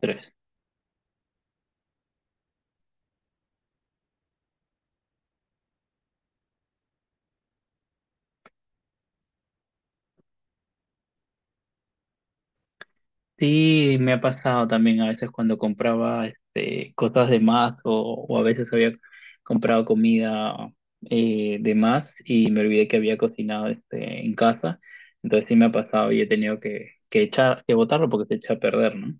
Tres. Sí, me ha pasado también a veces cuando compraba cosas de más o a veces había comprado comida de más y me olvidé que había cocinado en casa. Entonces sí me ha pasado y he tenido que botarlo porque se echa a perder, ¿no?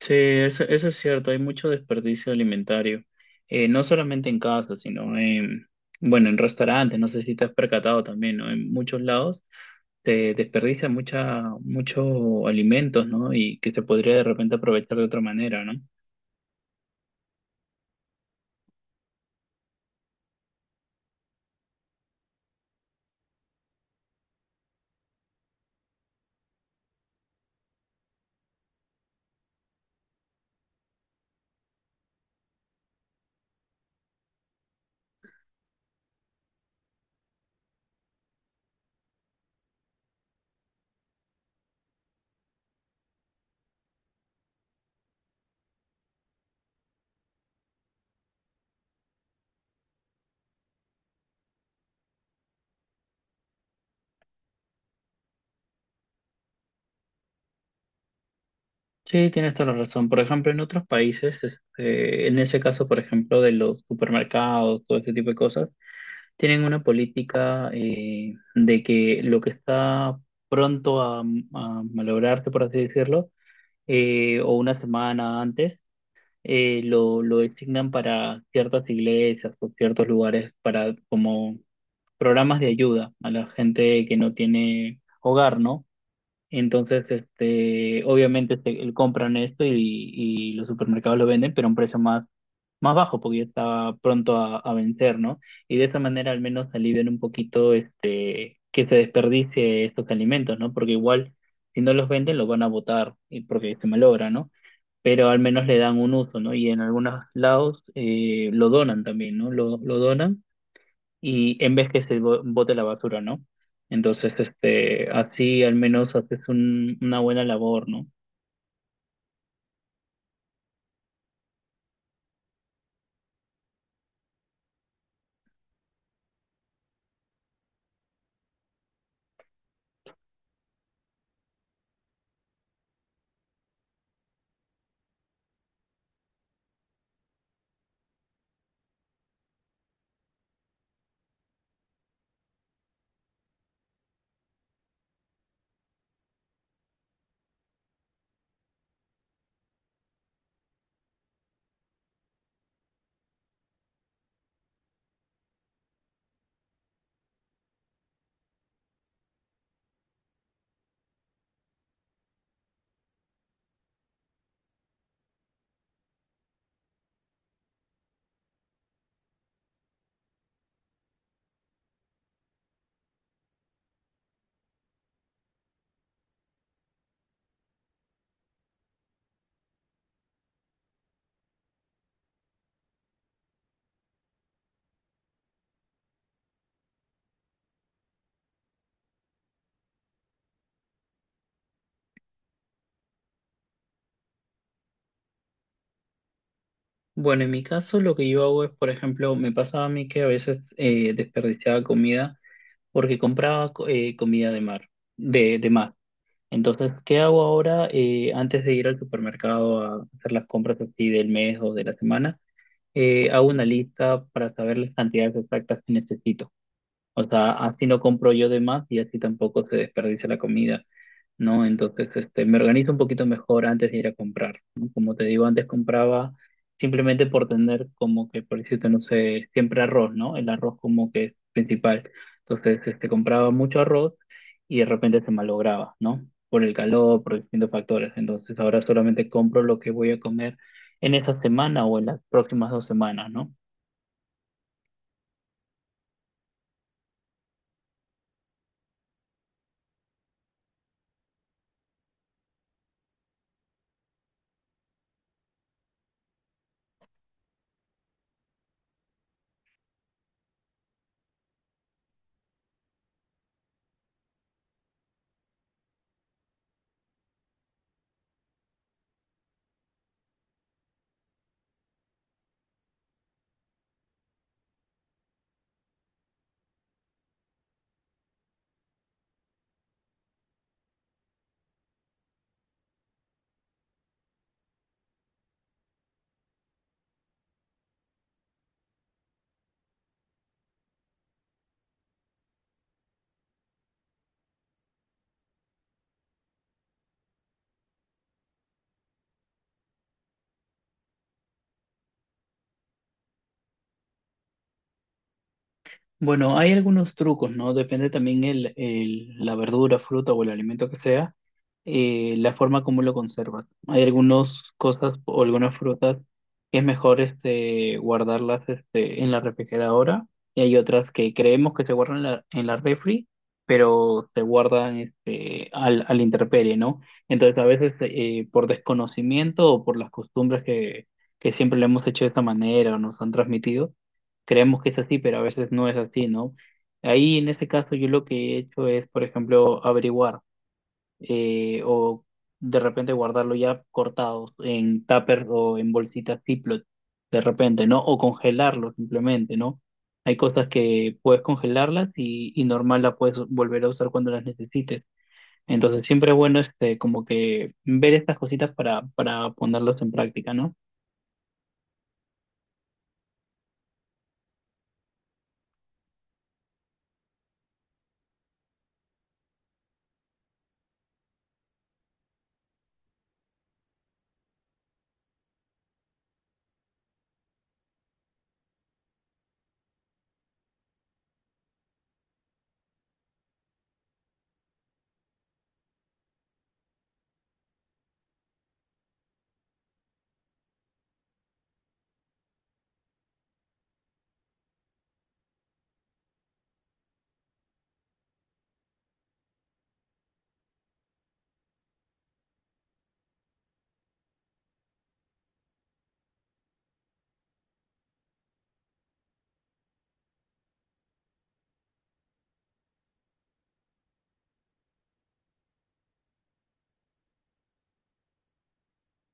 Sí, eso es cierto, hay mucho desperdicio alimentario, no solamente en casa, bueno, en restaurantes, no sé si te has percatado también, ¿no? En muchos lados se desperdicia mucho alimentos, ¿no? Y que se podría de repente aprovechar de otra manera, ¿no? Sí, tienes toda la razón. Por ejemplo, en otros países, este, en ese caso, por ejemplo, de los supermercados, todo ese tipo de cosas, tienen una política de que lo que está pronto a malograrse, por así decirlo, o una semana antes, lo designan para ciertas iglesias o ciertos lugares para como programas de ayuda a la gente que no tiene hogar, ¿no? Entonces, este, obviamente compran esto y los supermercados lo venden, pero a un precio más bajo, porque ya estaba pronto a vencer, ¿no? Y de esa manera al menos alivian un poquito este, que se desperdicie estos alimentos, ¿no? Porque igual, si no los venden, los van a botar, y porque se malogra, ¿no? Pero al menos le dan un uso, ¿no? Y en algunos lados lo donan también, ¿no? Lo donan y en vez que se bote la basura, ¿no? Entonces, este, así al menos haces una buena labor, ¿no? Bueno, en mi caso lo que yo hago es, por ejemplo, me pasaba a mí que a veces desperdiciaba comida porque compraba comida de mar, de mar. Entonces, ¿qué hago ahora antes de ir al supermercado a hacer las compras así del mes o de la semana? Hago una lista para saber las cantidades exactas que necesito. O sea, así no compro yo de más y así tampoco se desperdicia la comida, ¿no? Entonces, este, me organizo un poquito mejor antes de ir a comprar, ¿no? Como te digo, antes compraba simplemente por tener como que, por decirte, no sé, siempre arroz, ¿no? El arroz como que es principal. Entonces, este, compraba mucho arroz y de repente se malograba, ¿no? Por el calor, por distintos factores. Entonces, ahora solamente compro lo que voy a comer en esta semana o en las próximas dos semanas, ¿no? Bueno, hay algunos trucos, ¿no? Depende también la verdura, fruta o el alimento que sea la forma como lo conservas. ¿No? Hay algunas cosas o algunas frutas que es mejor este, guardarlas este, en la refrigeradora y hay otras que creemos que se guardan en la refri, pero se guardan al intemperie, ¿no? Entonces a veces por desconocimiento o por las costumbres que siempre le hemos hecho de esta manera o nos han transmitido, creemos que es así, pero a veces no es así, ¿no? Ahí en este caso yo lo que he hecho es, por ejemplo, averiguar o de repente guardarlo ya cortado en tupper o en bolsitas Ziploc, de repente, ¿no? O congelarlo simplemente, ¿no? Hay cosas que puedes congelarlas y normal las puedes volver a usar cuando las necesites. Entonces siempre es bueno este, como que ver estas cositas para ponerlas en práctica, ¿no?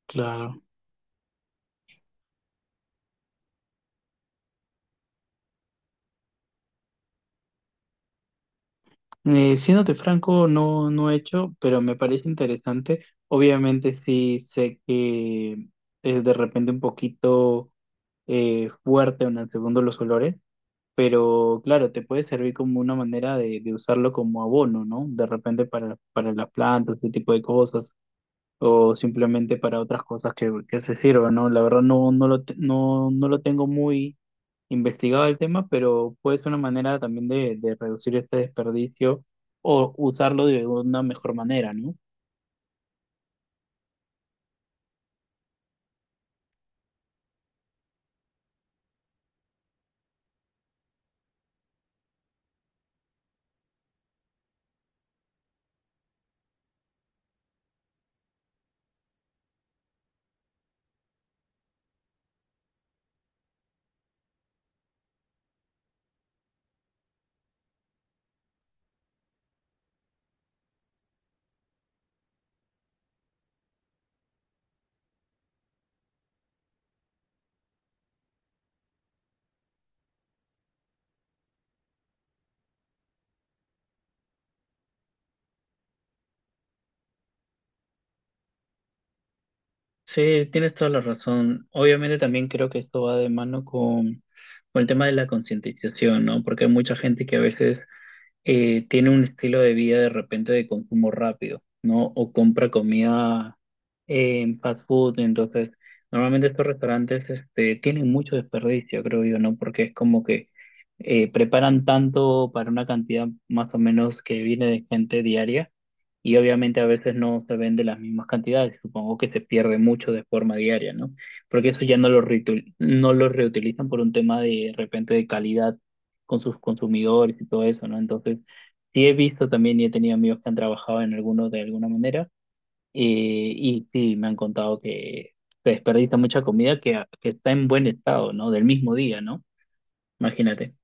Claro. Siéndote franco, no, no he hecho, pero me parece interesante. Obviamente sí sé que es de repente un poquito fuerte en el segundo los olores, pero claro, te puede servir como una manera de usarlo como abono, ¿no? De repente para las plantas, este tipo de cosas, o simplemente para otras cosas que se sirvan, ¿no? La verdad no, no lo tengo investigado el tema, pero puede ser una manera también de reducir este desperdicio o usarlo de una mejor manera, ¿no? Sí, tienes toda la razón. Obviamente también creo que esto va de mano con el tema de la concientización, ¿no? Porque hay mucha gente que a veces tiene un estilo de vida de repente de consumo rápido, ¿no? O compra comida en fast food. Entonces, normalmente estos restaurantes este, tienen mucho desperdicio, creo yo, ¿no? Porque es como que preparan tanto para una cantidad más o menos que viene de gente diaria y obviamente a veces no se vende las mismas cantidades. Supongo que se pierde mucho de forma diaria, ¿no? Porque eso ya no lo, no lo reutilizan por un tema de repente de calidad con sus consumidores y todo eso, ¿no? Entonces, sí he visto también y he tenido amigos que han trabajado en alguno de alguna manera eh, y sí, me han contado que se desperdicia mucha comida que está en buen estado, ¿no? Del mismo día, ¿no? Imagínate.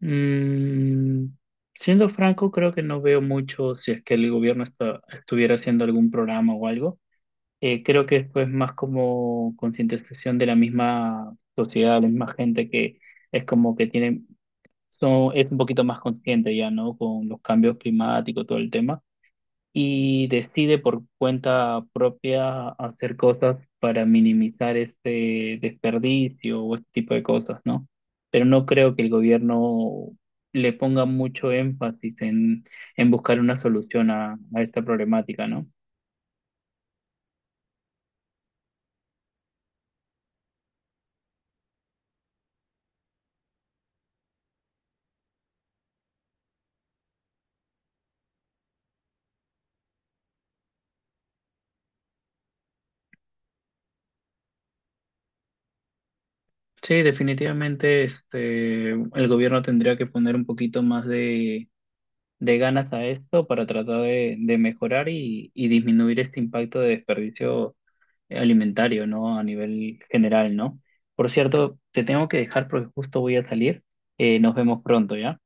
Mm, siendo franco, creo que no veo mucho si es que el gobierno estuviera haciendo algún programa o algo. Creo que esto es más como concientización de la misma sociedad, la misma gente que es como que tiene son, es un poquito más consciente ya, ¿no? Con los cambios climáticos, todo el tema, y decide por cuenta propia hacer cosas para minimizar este desperdicio o este tipo de cosas, ¿no? Pero no creo que el gobierno le ponga mucho énfasis en buscar una solución a esta problemática, ¿no? Sí, definitivamente este, el gobierno tendría que poner un poquito más de ganas a esto para tratar de mejorar y disminuir este impacto de desperdicio alimentario, ¿no? A nivel general, ¿no? Por cierto, te tengo que dejar porque justo voy a salir. Nos vemos pronto, ¿ya?